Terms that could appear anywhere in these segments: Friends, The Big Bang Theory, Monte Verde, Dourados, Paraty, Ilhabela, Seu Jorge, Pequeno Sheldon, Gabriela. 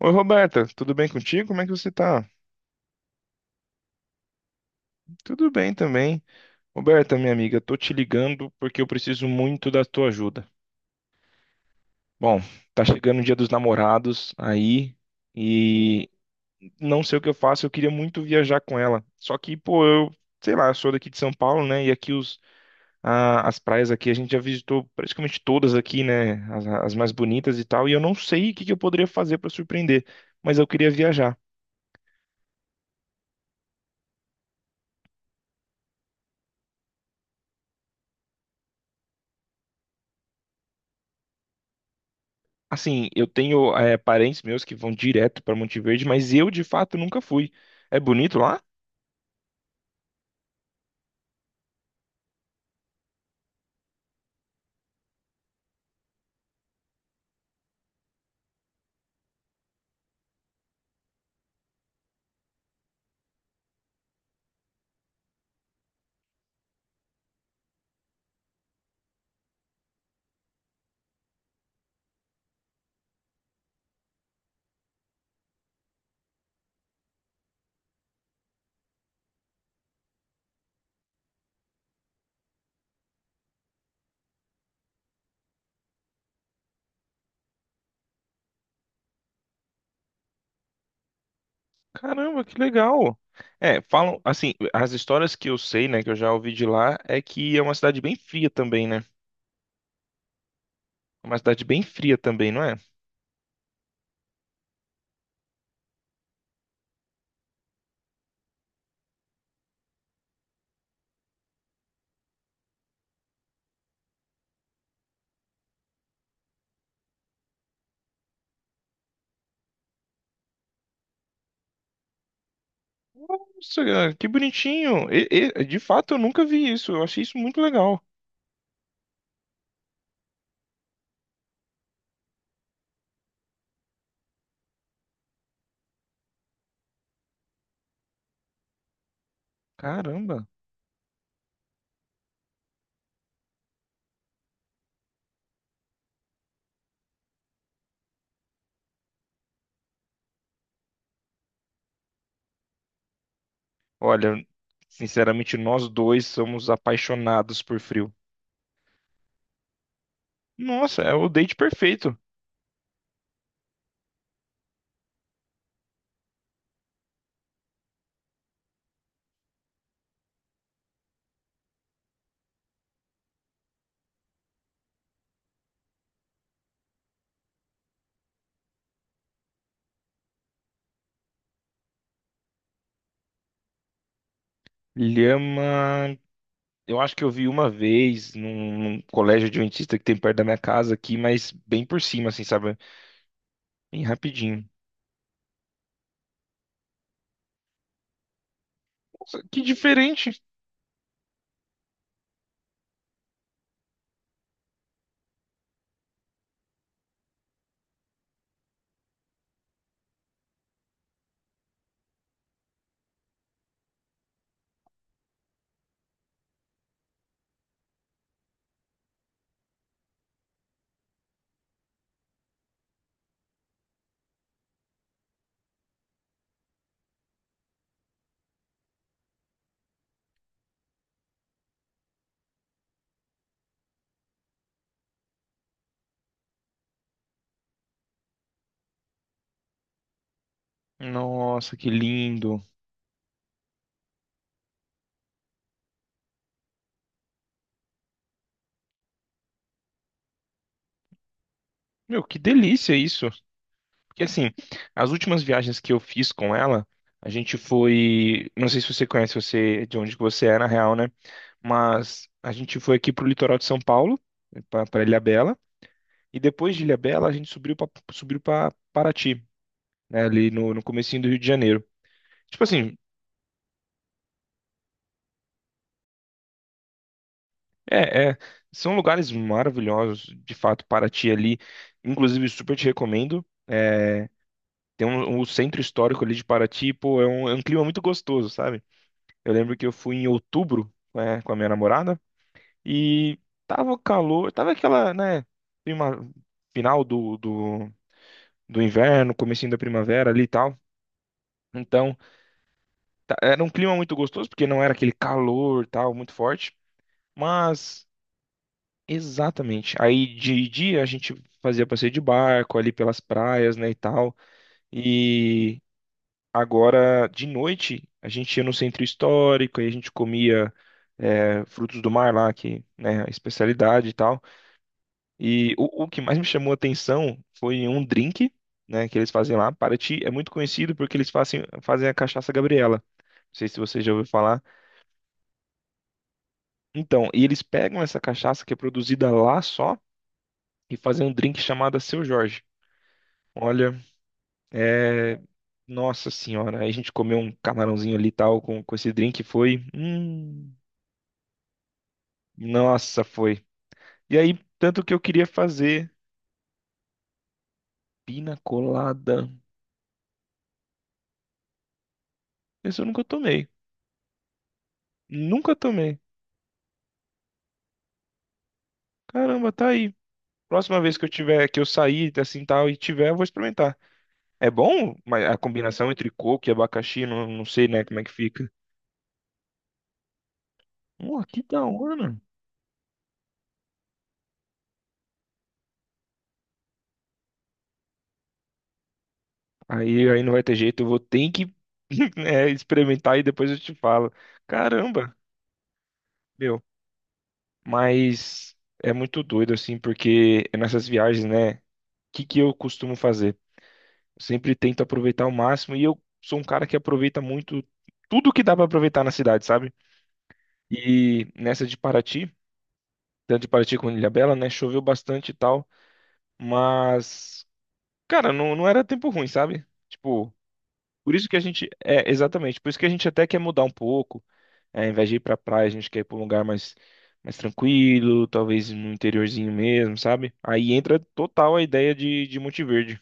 Oi, Roberta, tudo bem contigo? Como é que você tá? Tudo bem também. Roberta, minha amiga, tô te ligando porque eu preciso muito da tua ajuda. Bom, tá chegando o Dia dos Namorados aí e não sei o que eu faço, eu queria muito viajar com ela. Só que, pô, eu, sei lá, eu sou daqui de São Paulo, né? E aqui os, as praias aqui a gente já visitou praticamente todas aqui, né? As mais bonitas e tal, e eu não sei o que que eu poderia fazer pra surpreender, mas eu queria viajar. Assim, eu tenho é, parentes meus que vão direto para Monte Verde, mas eu de fato nunca fui. É bonito lá? Caramba, que legal! É, falam assim, as histórias que eu sei, né, que eu já ouvi de lá, é que é uma cidade bem fria também, né? Uma cidade bem fria também, não é? Nossa, cara, que bonitinho! De fato, eu nunca vi isso. Eu achei isso muito legal. Caramba! Olha, sinceramente, nós dois somos apaixonados por frio. Nossa, é o date perfeito. Lhama. Eu acho que eu vi uma vez num, num colégio adventista que tem perto da minha casa aqui, mas bem por cima, assim, sabe? Bem rapidinho. Nossa, que diferente! Nossa, que lindo! Meu, que delícia isso! Porque assim, as últimas viagens que eu fiz com ela, a gente foi. Não sei se você conhece você de onde que você é, na real, né? Mas a gente foi aqui pro litoral de São Paulo, pra, pra Ilhabela, e depois de Ilhabela a gente subiu pra Paraty, né? Ali no, no comecinho do Rio de Janeiro. Tipo assim, é, é, são lugares maravilhosos, de fato, Paraty ali. Inclusive, super te recomendo. É, tem um, um centro histórico ali de Paraty, pô, é um clima muito gostoso, sabe? Eu lembro que eu fui em outubro, né, com a minha namorada e tava calor, tava aquela, né, prima- final do, do, do inverno, comecinho da primavera ali e tal. Então, era um clima muito gostoso, porque não era aquele calor, tal, muito forte. Mas exatamente. Aí de dia a gente fazia passeio de barco ali pelas praias, né, e tal. E agora de noite a gente ia no centro histórico e a gente comia é, frutos do mar lá, que, né, a especialidade e tal. E o que mais me chamou a atenção foi um drink, né, que eles fazem lá. Paraty é muito conhecido porque eles fazem, fazem a cachaça Gabriela. Não sei se você já ouviu falar. Então, e eles pegam essa cachaça que é produzida lá só e fazem um drink chamado Seu Jorge. Olha, é. Nossa senhora, aí a gente comeu um camarãozinho ali e tal com esse drink, foi. Nossa, foi. E aí, tanto que eu queria fazer pina colada. Esse eu nunca tomei. Nunca tomei. Caramba, tá aí. Próxima vez que eu tiver, que eu sair assim tal e tiver, eu vou experimentar. É bom? Mas a combinação entre coco e abacaxi, não, não sei, né, como é que fica. Pô, que da hora. Aí, aí não vai ter jeito, eu vou ter que é, experimentar e depois eu te falo. Caramba. Meu, mas é muito doido, assim, porque é nessas viagens, né? O que que eu costumo fazer? Sempre tento aproveitar ao máximo e eu sou um cara que aproveita muito tudo que dá pra aproveitar na cidade, sabe? E nessa de Paraty, tanto de Paraty como de Ilhabela, né? Choveu bastante e tal, mas, cara, não, não era tempo ruim, sabe? Tipo, por isso que a gente. É, exatamente, por isso que a gente até quer mudar um pouco. É, ao invés de ir pra praia, a gente quer ir pra um lugar mais, mais tranquilo, talvez no interiorzinho mesmo, sabe? Aí entra total a ideia de Monte Verde.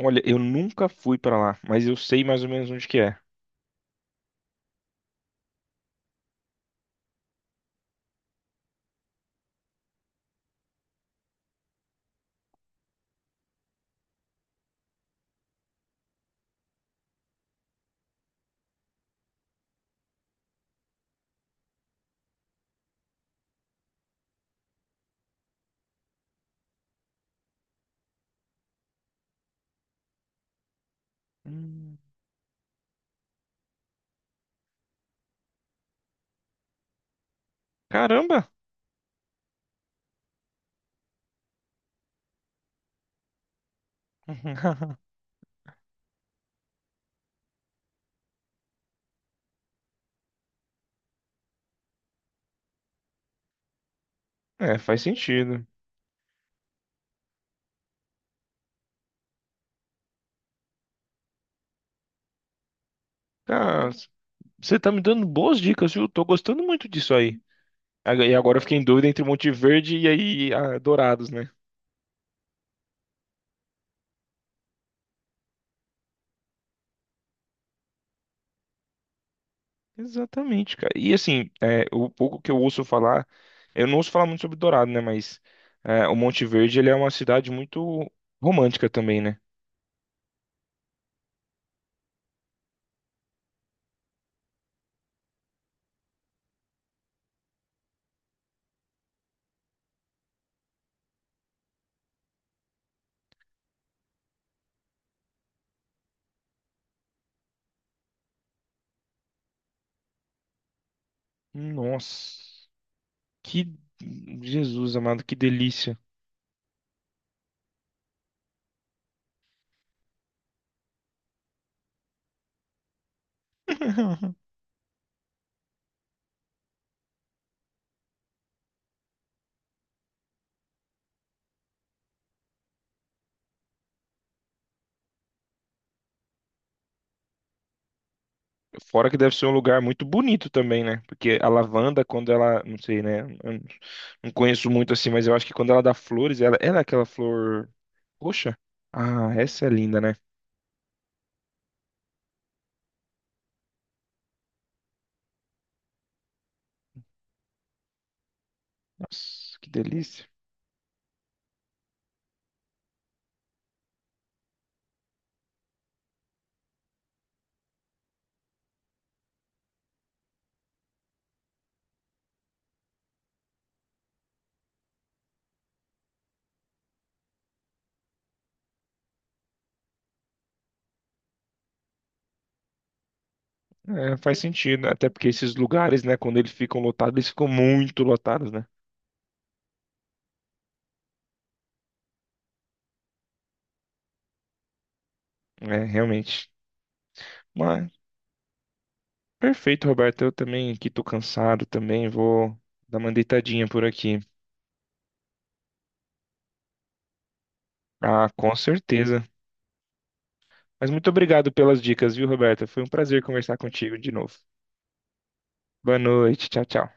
Olha, eu nunca fui pra lá, mas eu sei mais ou menos onde que é. Hum. Caramba! É, faz sentido. Cara, você tá me dando boas dicas, viu? Tô gostando muito disso aí. E agora eu fiquei em dúvida entre Monte Verde e aí ah, Dourados, né? Exatamente, cara. E assim, é, o pouco que eu ouço falar, eu não ouço falar muito sobre Dourado, né? Mas é, o Monte Verde, ele é uma cidade muito romântica também, né? Nossa, que Jesus amado, que delícia. Fora que deve ser um lugar muito bonito também, né? Porque a lavanda, quando ela, não sei, né? Eu não conheço muito assim, mas eu acho que quando ela dá flores, ela é aquela flor roxa. Ah, essa é linda, né? Nossa, que delícia. É, faz sentido, né? Até porque esses lugares, né, quando eles ficam lotados, eles ficam muito lotados, né? É, realmente. Mas, perfeito, Roberto. Eu também aqui tô cansado também, vou dar uma deitadinha por aqui. Ah, com certeza. Mas muito obrigado pelas dicas, viu, Roberto? Foi um prazer conversar contigo de novo. Boa noite, tchau, tchau.